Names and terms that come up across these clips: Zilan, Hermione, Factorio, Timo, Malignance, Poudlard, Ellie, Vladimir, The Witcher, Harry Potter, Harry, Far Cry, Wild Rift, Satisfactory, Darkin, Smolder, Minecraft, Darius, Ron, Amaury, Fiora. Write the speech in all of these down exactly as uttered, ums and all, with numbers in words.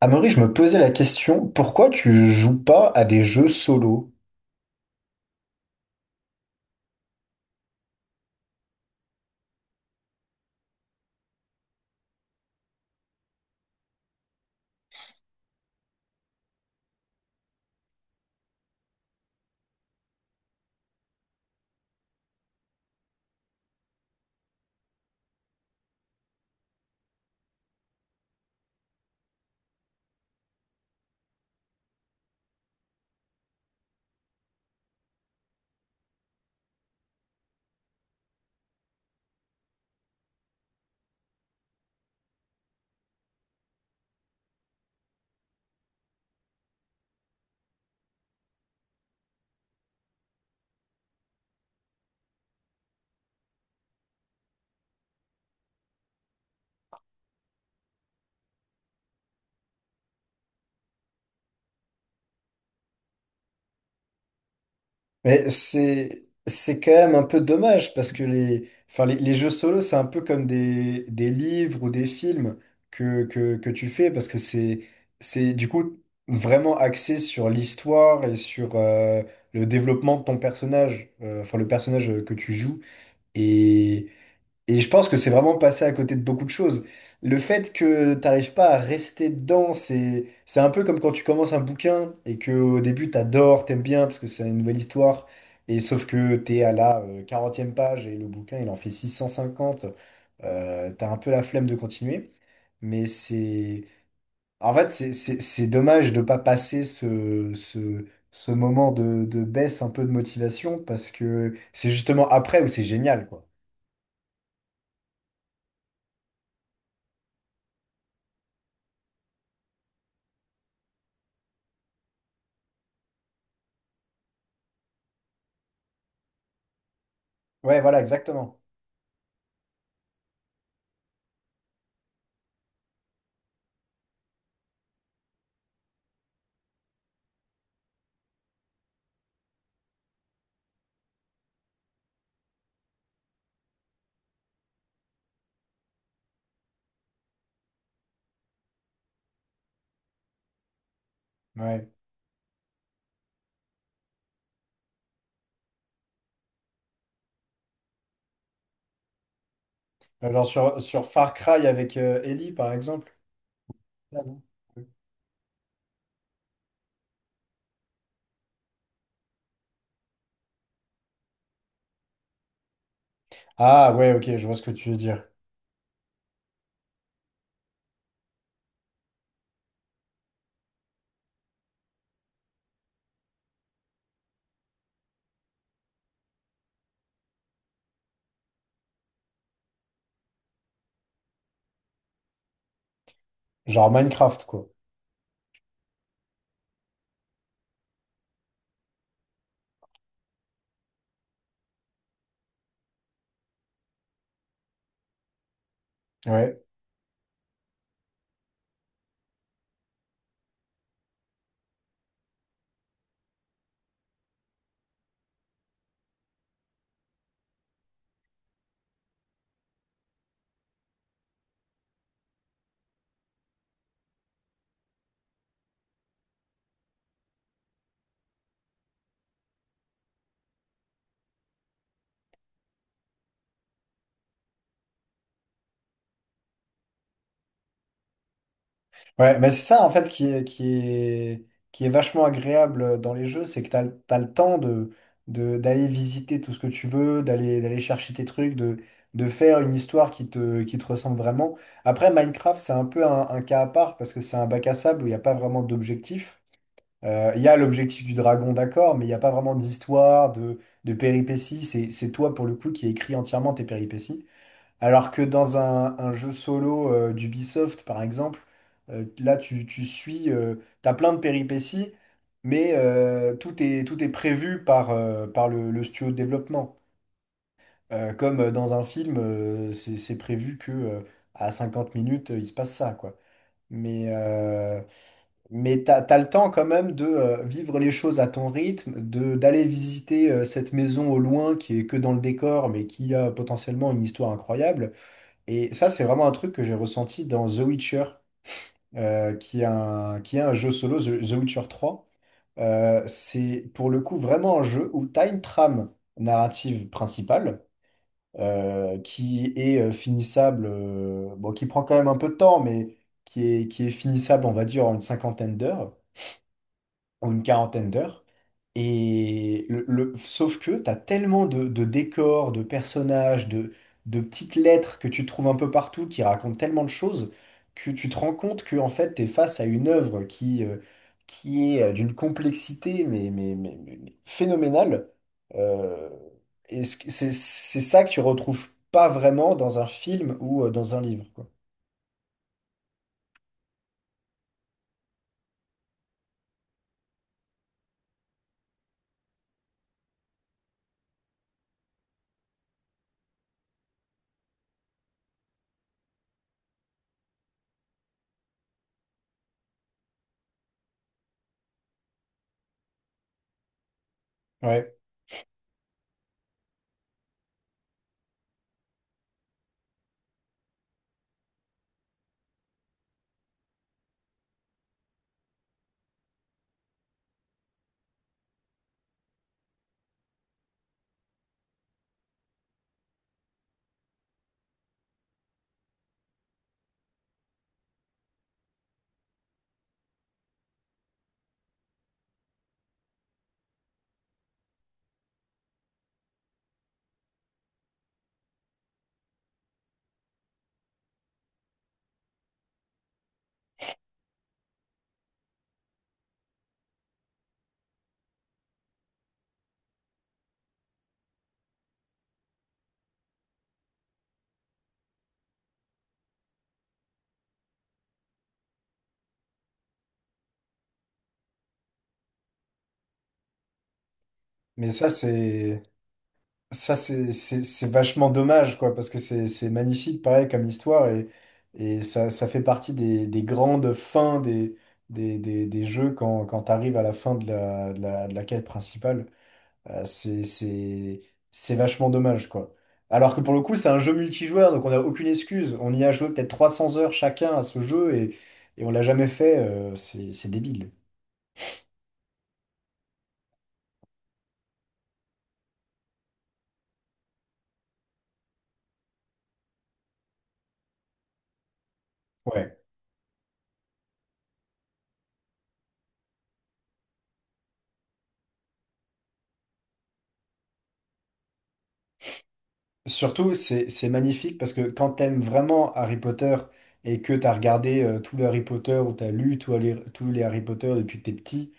Amaury, je me posais la question, pourquoi tu joues pas à des jeux solo? Mais c'est c'est quand même un peu dommage parce que les enfin les, les jeux solo c'est un peu comme des, des livres ou des films que, que, que tu fais parce que c'est c'est du coup vraiment axé sur l'histoire et sur euh, le développement de ton personnage, euh, enfin le personnage que tu joues. Et Et je pense que c'est vraiment passé à côté de beaucoup de choses. Le fait que t'arrives pas à rester dedans, c'est c'est un peu comme quand tu commences un bouquin et que au début t'adores, t'aimes bien parce que c'est une nouvelle histoire. Et sauf que t'es à la euh, quarantième page et le bouquin il en fait six cent cinquante, euh, t'as un peu la flemme de continuer. Mais c'est en fait c'est c'est- c'est dommage de pas passer ce, ce, ce moment de, de baisse un peu de motivation parce que c'est justement après où c'est génial quoi. Ouais, voilà, exactement. Ouais. Euh, Genre sur, sur Far Cry avec euh, Ellie, par exemple. Ah, non. Ah, ouais, ok, je vois ce que tu veux dire. Genre Minecraft, quoi. Ouais. Ouais, mais c'est ça, en fait, qui est, qui est, qui est vachement agréable euh, dans les jeux, c'est que t'as, le- t'as le temps de, de, d'aller visiter tout ce que tu veux, d'aller, d'aller chercher tes trucs, de, de faire une histoire qui te, qui te ressemble vraiment. Après, Minecraft, c'est un peu un, un cas à part parce que c'est un bac à sable où il n'y a pas vraiment d'objectif. Euh, Il y a l'objectif du dragon, d'accord, mais il n'y a pas vraiment d'histoire, de, de péripéties. C'est, c'est toi, pour le coup, qui écris entièrement tes péripéties. Alors que dans un, un jeu solo euh, d'Ubisoft, par exemple, euh, là, tu, tu suis, euh, t'as plein de péripéties, mais euh, tout est, tout est prévu par, euh, par le, le studio de développement. Euh, comme euh, dans un film, euh, c'est c'est prévu que euh, à cinquante minutes, euh, il se passe ça, quoi. Mais, euh, mais t'as, t'as le temps quand même de euh, vivre les choses à ton rythme, de d'aller visiter euh, cette maison au loin qui est que dans le décor, mais qui a potentiellement une histoire incroyable. Et ça, c'est vraiment un truc que j'ai ressenti dans The Witcher, euh, qui est un, qui est un jeu solo, The, The Witcher trois. Euh, c'est pour le coup vraiment un jeu où tu as une trame narrative principale euh, qui est euh, finissable, euh, bon, qui prend quand même un peu de temps, mais qui est, qui est finissable, on va dire, en une cinquantaine d'heures, en une quarantaine d'heures. Et le, le- sauf que tu as tellement de, de décors, de personnages, de, de petites lettres que tu trouves un peu partout qui racontent tellement de choses que tu te rends compte que en fait, tu es face à une œuvre qui, euh, qui est euh, d'une complexité mais, mais, mais, mais- mais phénoménale. Euh, et ce que- c'est c'est ça que tu retrouves pas vraiment dans un film ou euh, dans un livre, quoi. Ouais, mais ça, c'est. Ça, c'est c'est- c'est vachement dommage, quoi, parce que c'est c'est magnifique, pareil, comme histoire, et, et ça, ça fait partie des, des grandes fins des, des, des, des jeux quand, quand tu arrives à la fin de la, de la, de la quête principale. Euh, c'est c'est- c'est vachement dommage, quoi. Alors que pour le coup, c'est un jeu multijoueur, donc on n'a aucune excuse. On y a joué peut-être trois cents heures chacun à ce jeu, et, et on l'a jamais fait. euh, c'est c'est débile. Ouais. Surtout, c'est c'est magnifique parce que quand t'aimes vraiment Harry Potter et que t'as regardé euh, tous les Harry Potter ou t'as lu tous les, tous les Harry Potter depuis que t'es petit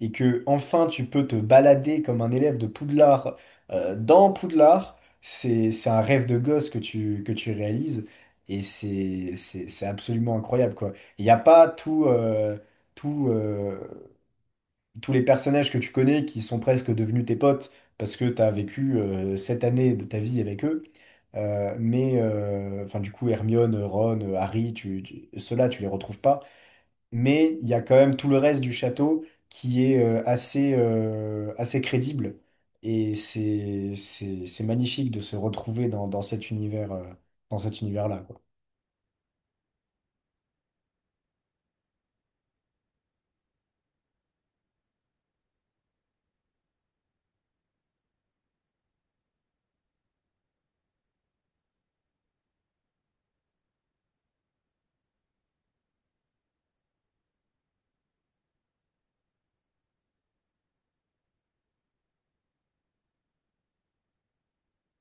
et que enfin tu peux te balader comme un élève de Poudlard euh, dans Poudlard, c'est c'est un rêve de gosse que tu, que tu réalises et c'est c'est- c'est absolument incroyable quoi. Il n'y a pas tout, euh, tout, euh, tous les personnages que tu connais qui sont presque devenus tes potes parce que t'as vécu euh, cette année de ta vie avec eux. Euh, mais euh, enfin, du coup, Hermione, Ron, Harry, tu, tu- ceux-là, tu les retrouves pas. Mais il y a quand même tout le reste du château qui est euh, assez, euh, assez crédible. Et c'est, c'est, c'est magnifique de se retrouver dans, dans cet univers, euh, dans cet univers-là, quoi.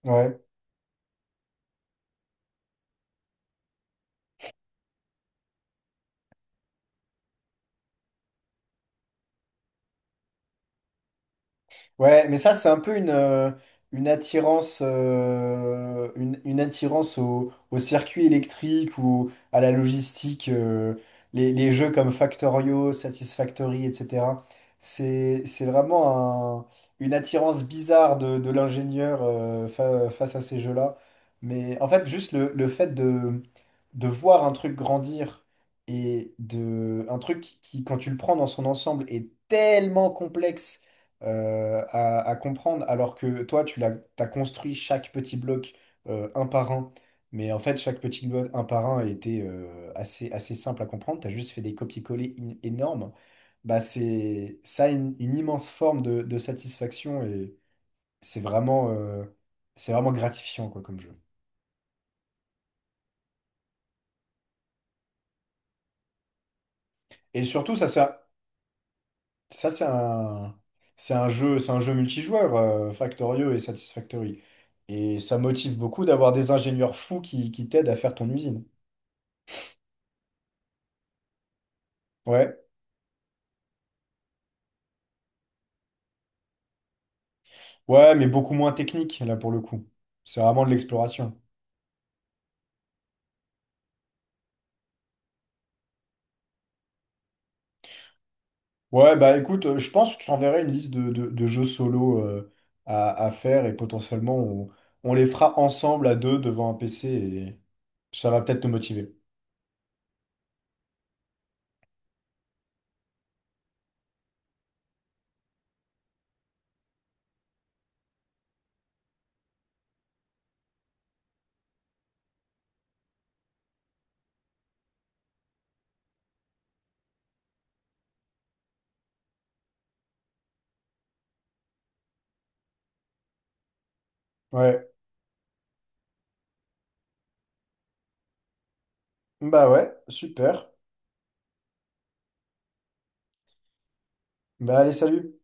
Ouais. Ouais, mais ça, c'est un peu une, euh, une attirance, euh, une, une attirance au, au circuit électrique ou à la logistique, euh, les, les jeux comme Factorio, Satisfactory, et cetera. C'est, c'est vraiment un- une attirance bizarre de, de l'ingénieur euh, fa- face à ces jeux-là. Mais en fait, juste le, le fait de, de voir un truc grandir et de, un truc qui, quand tu le prends dans son ensemble, est tellement complexe euh, à, à comprendre, alors que toi, tu l'as, t'as construit chaque petit bloc euh, un par un, mais en fait, chaque petit bloc un par un était euh, assez, assez simple à comprendre, tu as juste fait des copier-coller in- énormes, bah, c'est, ça a une, une immense forme de, de satisfaction et c'est vraiment, euh, c'est vraiment gratifiant quoi, comme jeu. Et surtout, ça sert. Ça, c'est un, c'est un jeu, c'est un jeu multijoueur, euh, Factorio et Satisfactory. Et ça motive beaucoup d'avoir des ingénieurs fous qui, qui t'aident à faire ton usine. Ouais. Ouais, mais beaucoup moins technique, là, pour le coup. C'est vraiment de l'exploration. Ouais, bah écoute, euh, je pense que je t'enverrai une liste de, de- de jeux solo euh, à, à faire et potentiellement on, on les fera ensemble à deux devant un P C et ça va peut-être te motiver. Ouais. Bah ouais, super. Bah allez, salut.